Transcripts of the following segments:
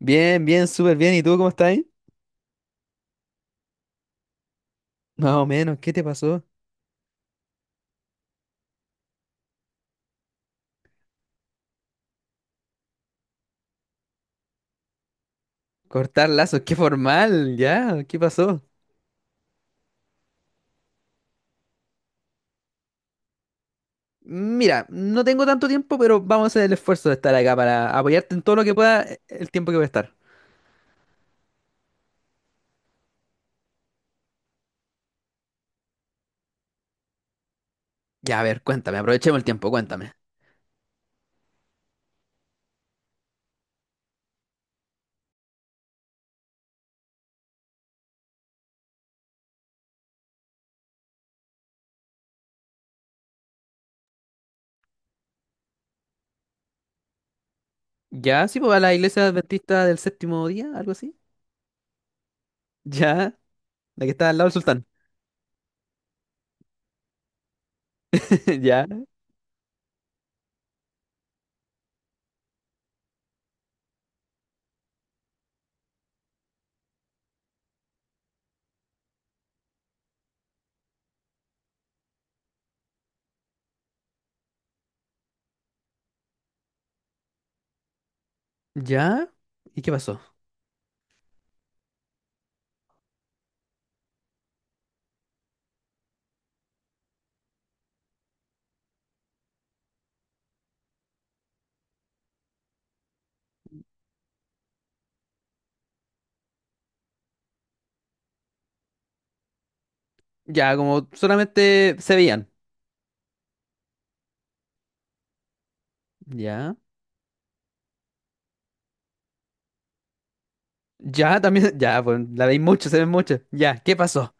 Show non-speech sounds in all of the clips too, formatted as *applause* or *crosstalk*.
Bien, bien, súper bien. ¿Y tú cómo estás ahí? Más o menos, ¿qué te pasó? Cortar lazos, qué formal, ya, ¿qué pasó? Mira, no tengo tanto tiempo, pero vamos a hacer el esfuerzo de estar acá para apoyarte en todo lo que pueda el tiempo que voy a estar. Ya, a ver, cuéntame, aprovechemos el tiempo, cuéntame. Ya, sí, pues a la iglesia adventista del séptimo día, algo así. Ya, la que está al lado del sultán. *laughs* Ya, ya. ¿Y qué pasó? Ya, como solamente se veían. Ya, ya, también, *laughs* ya, pues la veis mucho, se ven mucho. Ya, ¿qué pasó?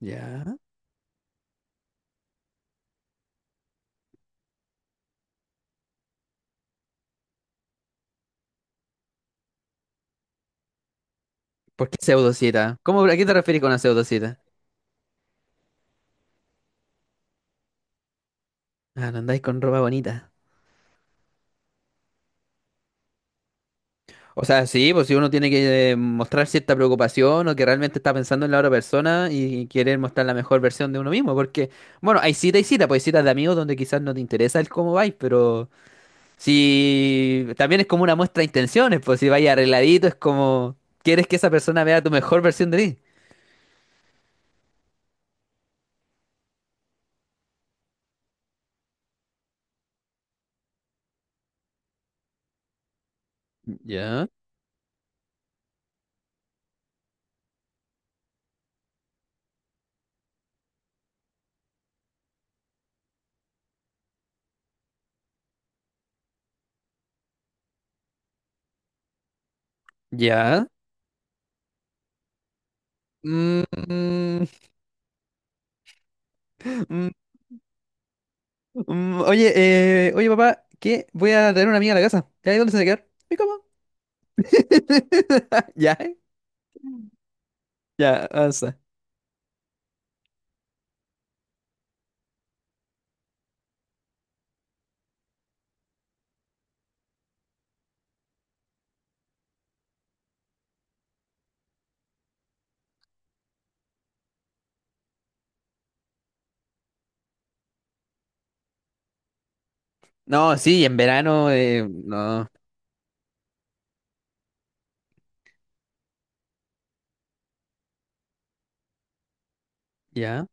Ya. ¿Por qué pseudocita? ¿A qué te refieres con una pseudocita? Ah, no andáis con ropa bonita. O sea, sí, pues si uno tiene que mostrar cierta preocupación o que realmente está pensando en la otra persona y quiere mostrar la mejor versión de uno mismo, porque, bueno, hay cita y cita, pues hay citas de amigos donde quizás no te interesa el cómo vais, pero si también es como una muestra de intenciones, pues si vais arregladito es como quieres que esa persona vea tu mejor versión de ti. Ya, ya. Mm, mm, mm, Mm, oye, oye papá, ¿qué? Voy a traer una amiga a la casa. ¿Ya ahí dónde se va a quedar? Mi cama. *laughs* ¿Ya? Ya, avanza. No, sí, en verano, no. ¿Ya?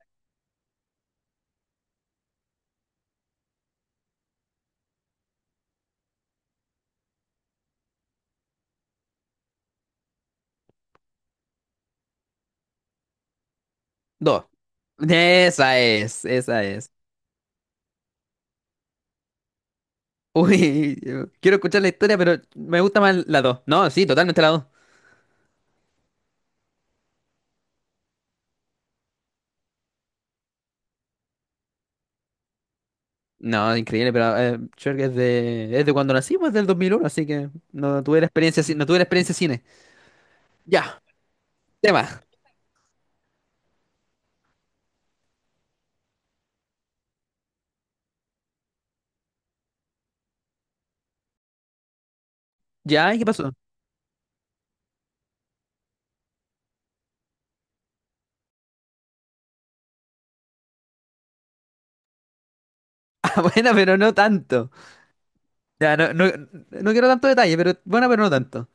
Dos. Esa es, esa es. Uy, *laughs* yo quiero escuchar la historia, pero me gusta más la dos. No, sí, totalmente la dos. No, increíble, pero Shrek es de cuando nací, pues del 2001, así que no tuve la experiencia, no tuve la experiencia cine. Ya, tema. ¿Ya? ¿Y qué pasó? *laughs* Ah, bueno, pero no tanto. Ya, no, no, no quiero tanto detalle, pero bueno, pero no tanto.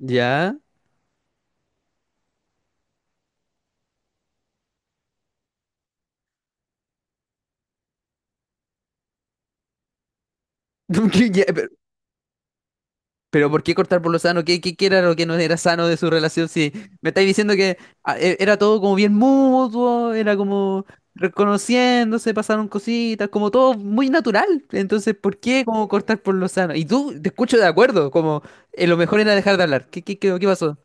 Ya. *laughs* ¿Ya? Pero ¿por qué cortar por lo sano? ¿Qué era lo que no era sano de su relación? Si me estáis diciendo que ah, era todo como bien mutuo, era como reconociéndose, pasaron cositas, como todo muy natural. Entonces, ¿por qué como cortar por lo sano? Y tú te escucho de acuerdo, como lo mejor era dejar de hablar. ¿Qué pasó?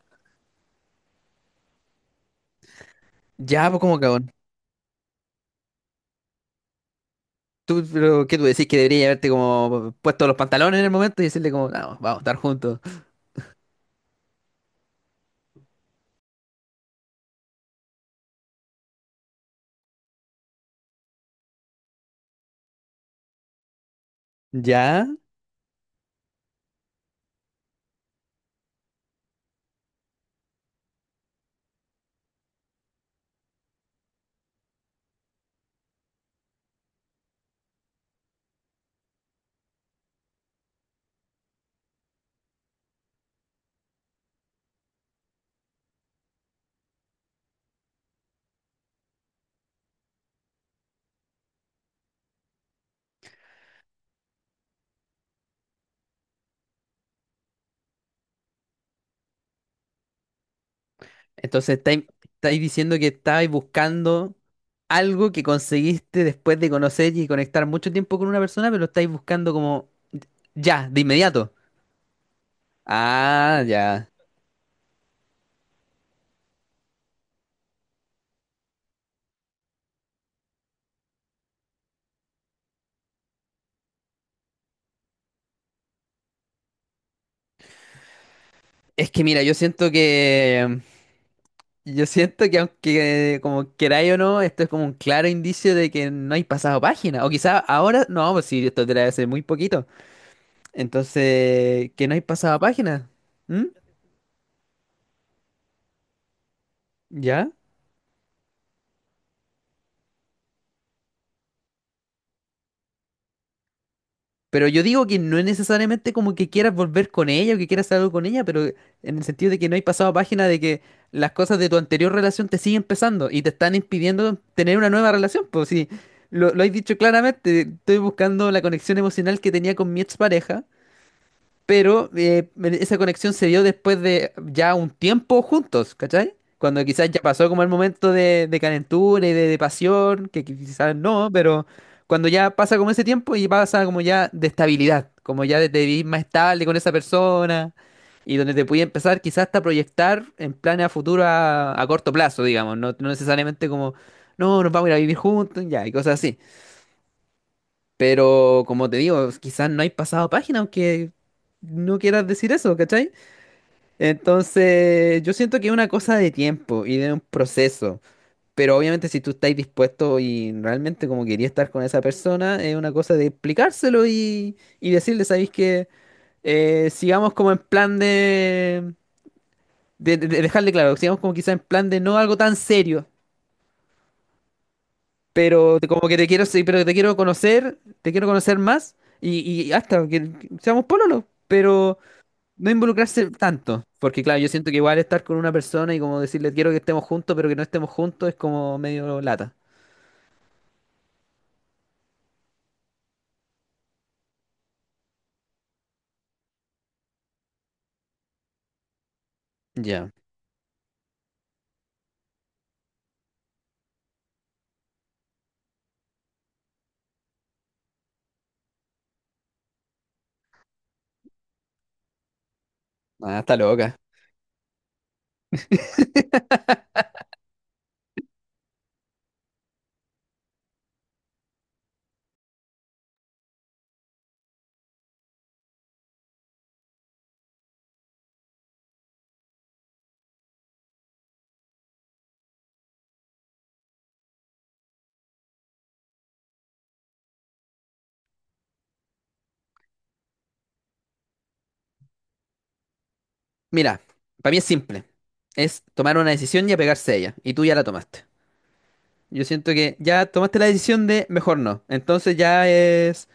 Ya, pues como cagón. ¿Tú, pero, qué tú decís que debería haberte como puesto los pantalones en el momento y decirle como, no, vamos a estar juntos? Ya, entonces estáis diciendo que estáis buscando algo que conseguiste después de conocer y conectar mucho tiempo con una persona, pero lo estáis buscando como ya, de inmediato. Ah, ya. Es que mira, yo siento que aunque como queráis o no, esto es como un claro indicio de que no hay pasado página. O quizá ahora, no, pues sí, esto te la hace muy poquito. Entonces, que no hay pasado página. ¿Mm? ¿Ya? Pero yo digo que no es necesariamente como que quieras volver con ella o que quieras hacer algo con ella, pero en el sentido de que no hay pasado a página de que las cosas de tu anterior relación te siguen pesando y te están impidiendo tener una nueva relación. Pues sí, lo has dicho claramente, estoy buscando la conexión emocional que tenía con mi expareja, pero esa conexión se dio después de ya un tiempo juntos, ¿cachai? Cuando quizás ya pasó como el momento de calentura y de pasión, que quizás no, pero cuando ya pasa como ese tiempo y pasa como ya de estabilidad, como ya de vivir más estable con esa persona y donde te puede empezar quizás hasta proyectar en planes a futuro a corto plazo, digamos, no, no necesariamente como, no, nos vamos a ir a vivir juntos, ya, y cosas así. Pero como te digo, quizás no hay pasado página, aunque no quieras decir eso, ¿cachai? Entonces, yo siento que es una cosa de tiempo y de un proceso. Pero obviamente si tú estás dispuesto y realmente como querías estar con esa persona, es una cosa de explicárselo y decirle, ¿sabéis que sigamos como en plan de dejarle claro, sigamos como quizás en plan de no algo tan serio, pero como que te quiero, sí, pero te quiero conocer más y hasta que seamos pololo, pero no involucrarse tanto, porque claro, yo siento que igual estar con una persona y como decirle quiero que estemos juntos, pero que no estemos juntos es como medio lata. Ya, ah, está loca. *laughs* Mira, para mí es simple. Es tomar una decisión y apegarse a ella. Y tú ya la tomaste. Yo siento que ya tomaste la decisión de mejor no. Entonces ya es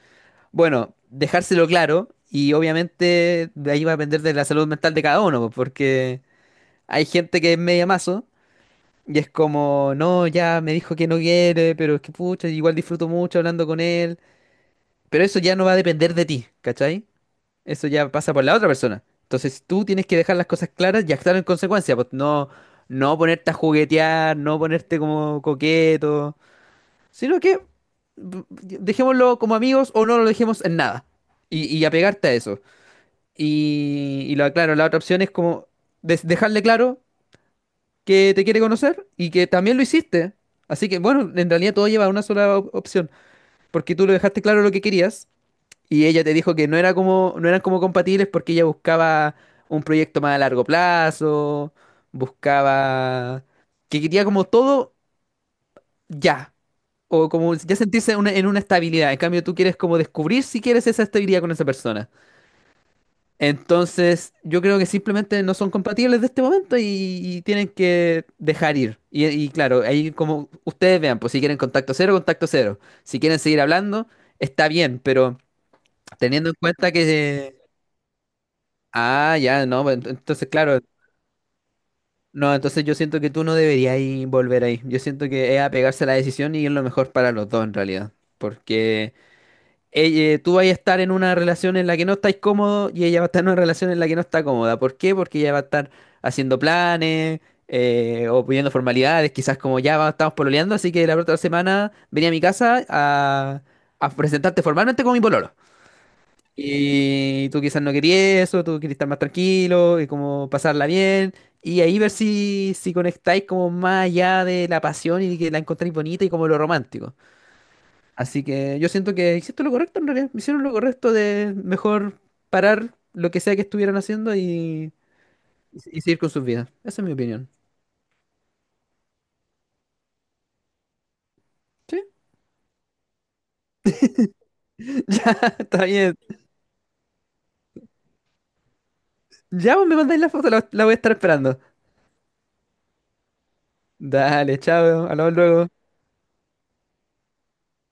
bueno, dejárselo claro y obviamente de ahí va a depender de la salud mental de cada uno, pues, porque hay gente que es media mazo y es como, no, ya me dijo que no quiere, pero es que pucha, igual disfruto mucho hablando con él, pero eso ya no va a depender de ti, ¿cachai? Eso ya pasa por la otra persona. Entonces tú tienes que dejar las cosas claras y actuar en consecuencia, pues no, no ponerte a juguetear, no ponerte como coqueto, sino que dejémoslo como amigos o no lo dejemos en nada y, y apegarte a eso. Y, claro, la otra opción es como dejarle claro que te quiere conocer y que también lo hiciste. Así que, bueno, en realidad todo lleva a una sola opción, porque tú le dejaste claro lo que querías y ella te dijo que no era como, no eran como compatibles porque ella buscaba un proyecto más a largo plazo, buscaba que quería como todo ya, o como ya sentirse en una estabilidad. En cambio, tú quieres como descubrir si quieres esa estabilidad con esa persona. Entonces, yo creo que simplemente no son compatibles de este momento y tienen que dejar ir. Y claro, ahí como ustedes vean, pues si quieren contacto cero, contacto cero. Si quieren seguir hablando, está bien, pero teniendo en cuenta que... Ah, ya, no, bueno, entonces claro, no, entonces yo siento que tú no deberías ir volver ahí. Yo siento que es apegarse a la decisión y es lo mejor para los dos en realidad. Porque... tú vas a estar en una relación en la que no estáis cómodo y ella va a estar en una relación en la que no está cómoda. ¿Por qué? Porque ella va a estar haciendo planes o pidiendo formalidades, quizás como ya estamos pololeando, así que la otra semana venía a mi casa a presentarte formalmente como mi pololo. Y tú quizás no querías eso, tú querías estar más tranquilo y como pasarla bien. Y ahí ver si, si conectáis como más allá de la pasión y que la encontráis bonita y como lo romántico. Así que yo siento que hiciste lo correcto en realidad. Hicieron lo correcto de mejor parar lo que sea que estuvieran haciendo y seguir con sus vidas. Esa es mi opinión. ¿Sí? *laughs* Ya, está bien. Ya vos me mandáis la foto, la voy a estar esperando. Dale, chao, hablamos luego.